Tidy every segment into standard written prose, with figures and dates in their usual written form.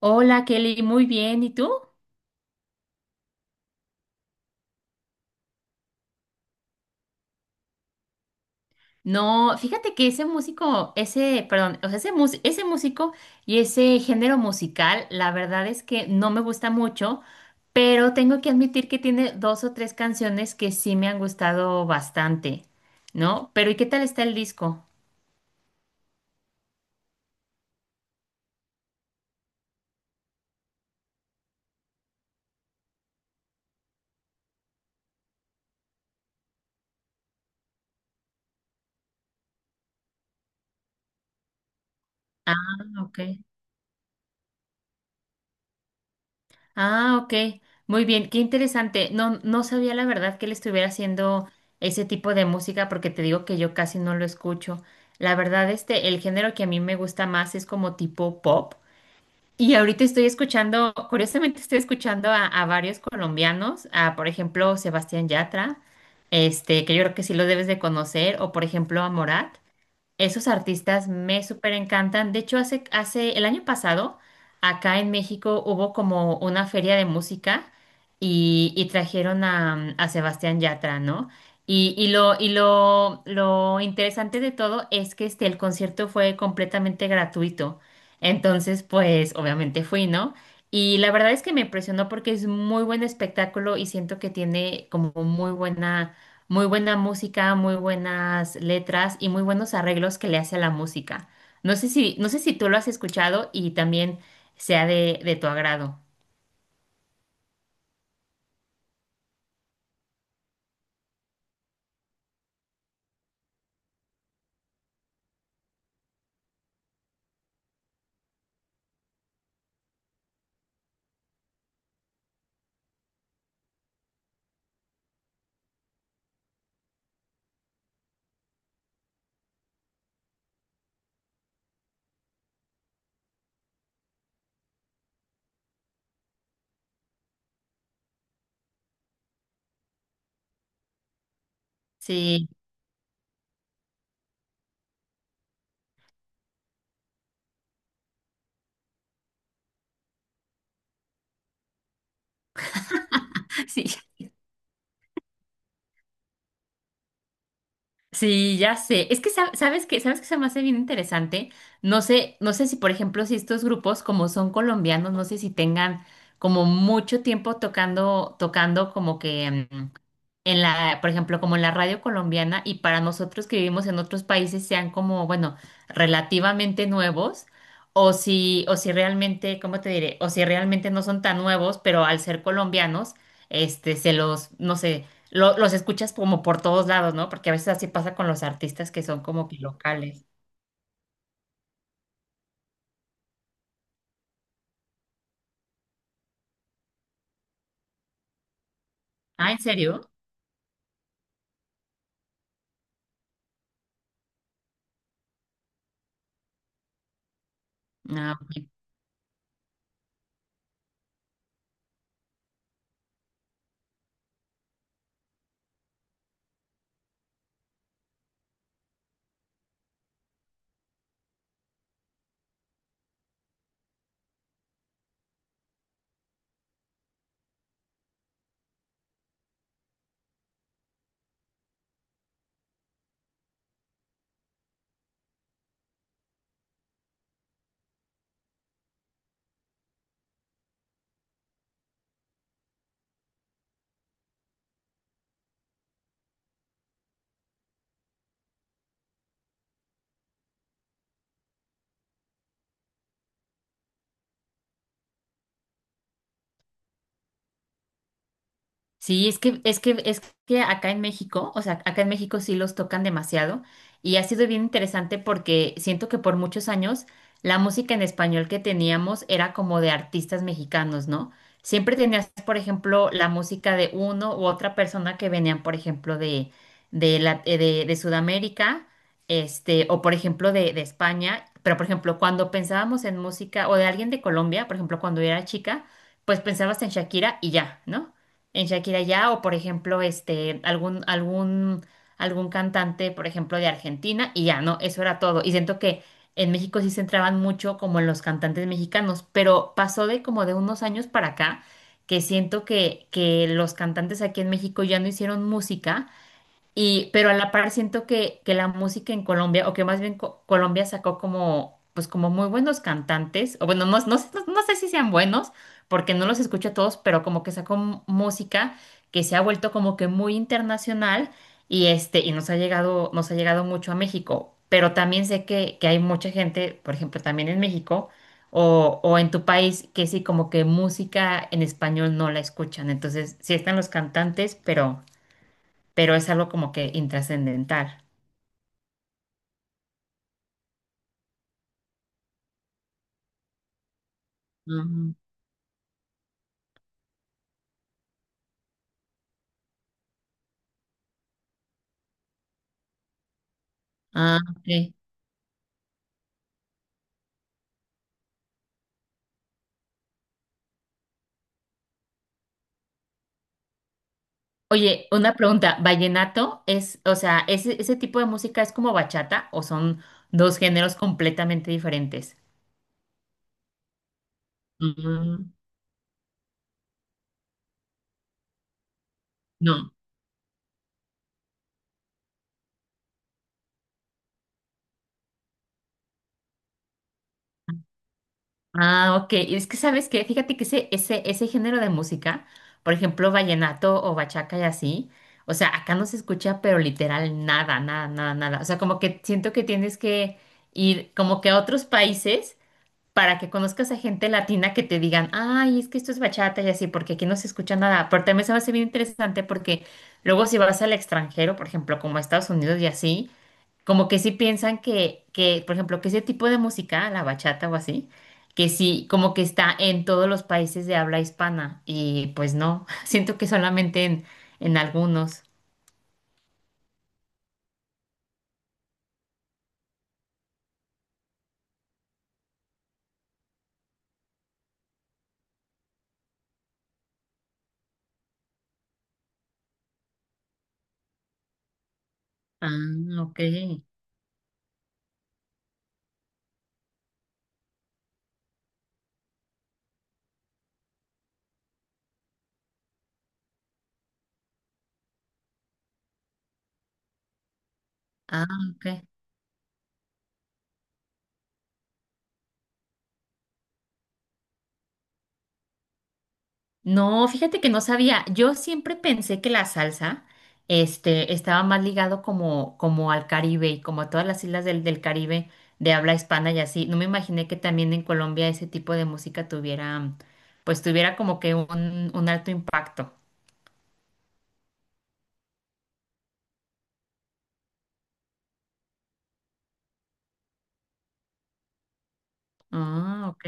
Hola Kelly, muy bien. ¿Y tú? No, fíjate que ese músico, perdón, o sea, ese músico y ese género musical, la verdad es que no me gusta mucho, pero tengo que admitir que tiene dos o tres canciones que sí me han gustado bastante, ¿no? Pero ¿y qué tal está el disco? Ah, ok. Ah, ok. Muy bien, qué interesante. No, no sabía la verdad que él estuviera haciendo ese tipo de música porque te digo que yo casi no lo escucho. La verdad, el género que a mí me gusta más es como tipo pop. Y ahorita estoy escuchando, curiosamente estoy escuchando a varios colombianos, a por ejemplo Sebastián Yatra, que yo creo que sí lo debes de conocer, o por ejemplo a Morat. Esos artistas me súper encantan. De hecho, hace el año pasado, acá en México hubo como una feria de música y, trajeron a Sebastián Yatra, ¿no? Y lo interesante de todo es que el concierto fue completamente gratuito. Entonces, pues, obviamente fui, ¿no? Y la verdad es que me impresionó porque es muy buen espectáculo y siento que tiene como muy buena música, muy buenas letras y muy buenos arreglos que le hace a la música. No sé si tú lo has escuchado y también sea de tu agrado. Sí, sí, sí, ya sé. Es que sabes que se me hace bien interesante. No sé si, por ejemplo, si estos grupos, como son colombianos, no sé si tengan como mucho tiempo tocando, tocando como que por ejemplo, como en la radio colombiana y para nosotros que vivimos en otros países sean como, bueno, relativamente nuevos o si realmente, ¿cómo te diré? O si realmente no son tan nuevos, pero al ser colombianos, no sé, los escuchas como por todos lados, ¿no? Porque a veces así pasa con los artistas que son como que locales. Ah, ¿en serio? No. Sí, es que acá en México, o sea, acá en México sí los tocan demasiado y ha sido bien interesante porque siento que por muchos años la música en español que teníamos era como de artistas mexicanos, ¿no? Siempre tenías, por ejemplo, la música de uno u otra persona que venían, por ejemplo, de Sudamérica, o por ejemplo de España, pero por ejemplo, cuando pensábamos en música o de alguien de Colombia, por ejemplo, cuando era chica, pues pensabas en Shakira y ya, ¿no? En Shakira ya, o por ejemplo, algún cantante, por ejemplo, de Argentina, y ya, no, eso era todo. Y siento que en México sí se centraban mucho como en los cantantes mexicanos, pero pasó de como de unos años para acá, que siento que, los cantantes aquí en México ya no hicieron música y, pero a la par siento que la música en Colombia, o que más bien Colombia sacó como, pues como muy buenos cantantes, o bueno, no sé si sean buenos, porque no los escucho a todos, pero como que sacó música que se ha vuelto como que muy internacional y y nos ha llegado mucho a México. Pero también sé que, hay mucha gente, por ejemplo, también en México o en tu país, que sí, como que música en español no la escuchan. Entonces, sí están los cantantes, pero es algo como que intrascendental. Ujú. Ah, ok. Oye, una pregunta, ¿vallenato es, o sea, ese tipo de música es como bachata o son dos géneros completamente diferentes? Ujú. No. Ah, ok. Y es que sabes que, fíjate que ese género de música, por ejemplo, vallenato o bachaca y así, o sea, acá no se escucha, pero literal nada, nada, nada, nada. O sea, como que siento que tienes que ir como que a otros países para que conozcas a gente latina que te digan, ay, es que esto es bachata y así, porque aquí no se escucha nada. Pero también se me hace bien interesante porque luego si vas al extranjero, por ejemplo, como a Estados Unidos y así, como que sí piensan que, por ejemplo, que ese tipo de música, la bachata o así, que sí, como que está en todos los países de habla hispana. Y pues no, siento que solamente en, algunos. Ah, ok. Ah, ok. No, fíjate que no sabía. Yo siempre pensé que la salsa, estaba más ligado como, como al Caribe y como a todas las islas del Caribe de habla hispana y así. No me imaginé que también en Colombia ese tipo de música tuviera, pues tuviera como que un alto impacto. Ah, ok.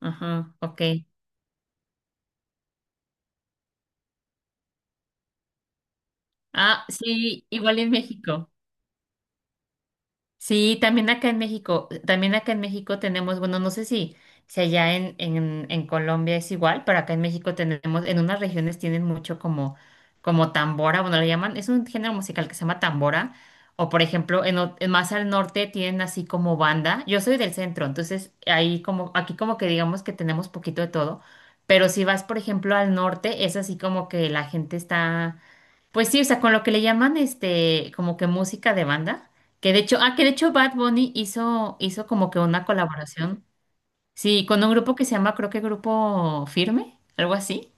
Ajá, ok. Ah, sí, igual en México. Sí, también acá en México, también acá en México tenemos, bueno, no sé si, si allá en, en Colombia es igual, pero acá en México tenemos, en unas regiones tienen mucho como, como tambora, bueno, le llaman, es un género musical que se llama tambora, o por ejemplo, en más al norte tienen así como banda, yo soy del centro, entonces ahí como, aquí como que digamos que tenemos poquito de todo, pero si vas, por ejemplo, al norte, es así como que la gente está pues sí, o sea, con lo que le llaman como que música de banda, que de hecho, ah, que de hecho Bad Bunny hizo como que una colaboración, sí, con un grupo que se llama, creo que Grupo Firme, algo así.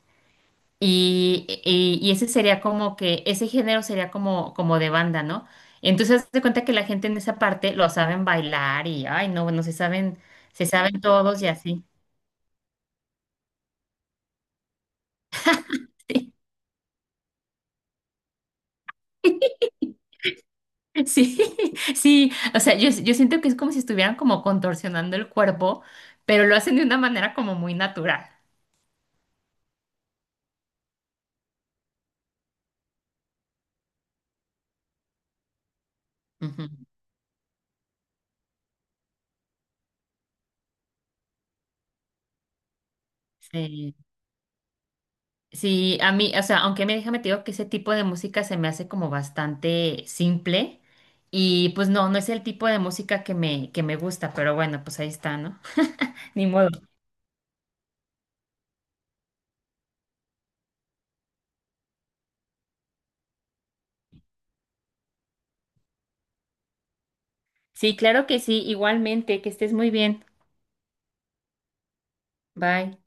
Y ese sería como que, ese género sería como, como de banda, ¿no? Entonces, haz de cuenta que la gente en esa parte lo saben bailar y, ay, no, bueno, se saben todos y así. Sí. Sí, sí, o sea, yo siento que es como si estuvieran como contorsionando el cuerpo, pero lo hacen de una manera como muy natural. Ujú. Sí, sí, a mí, o sea, aunque me déjame te digo que ese tipo de música se me hace como bastante simple y pues no, no es el tipo de música que me gusta, pero bueno, pues ahí está, ¿no? Ni modo. Sí, claro que sí, igualmente, que estés muy bien. Bye.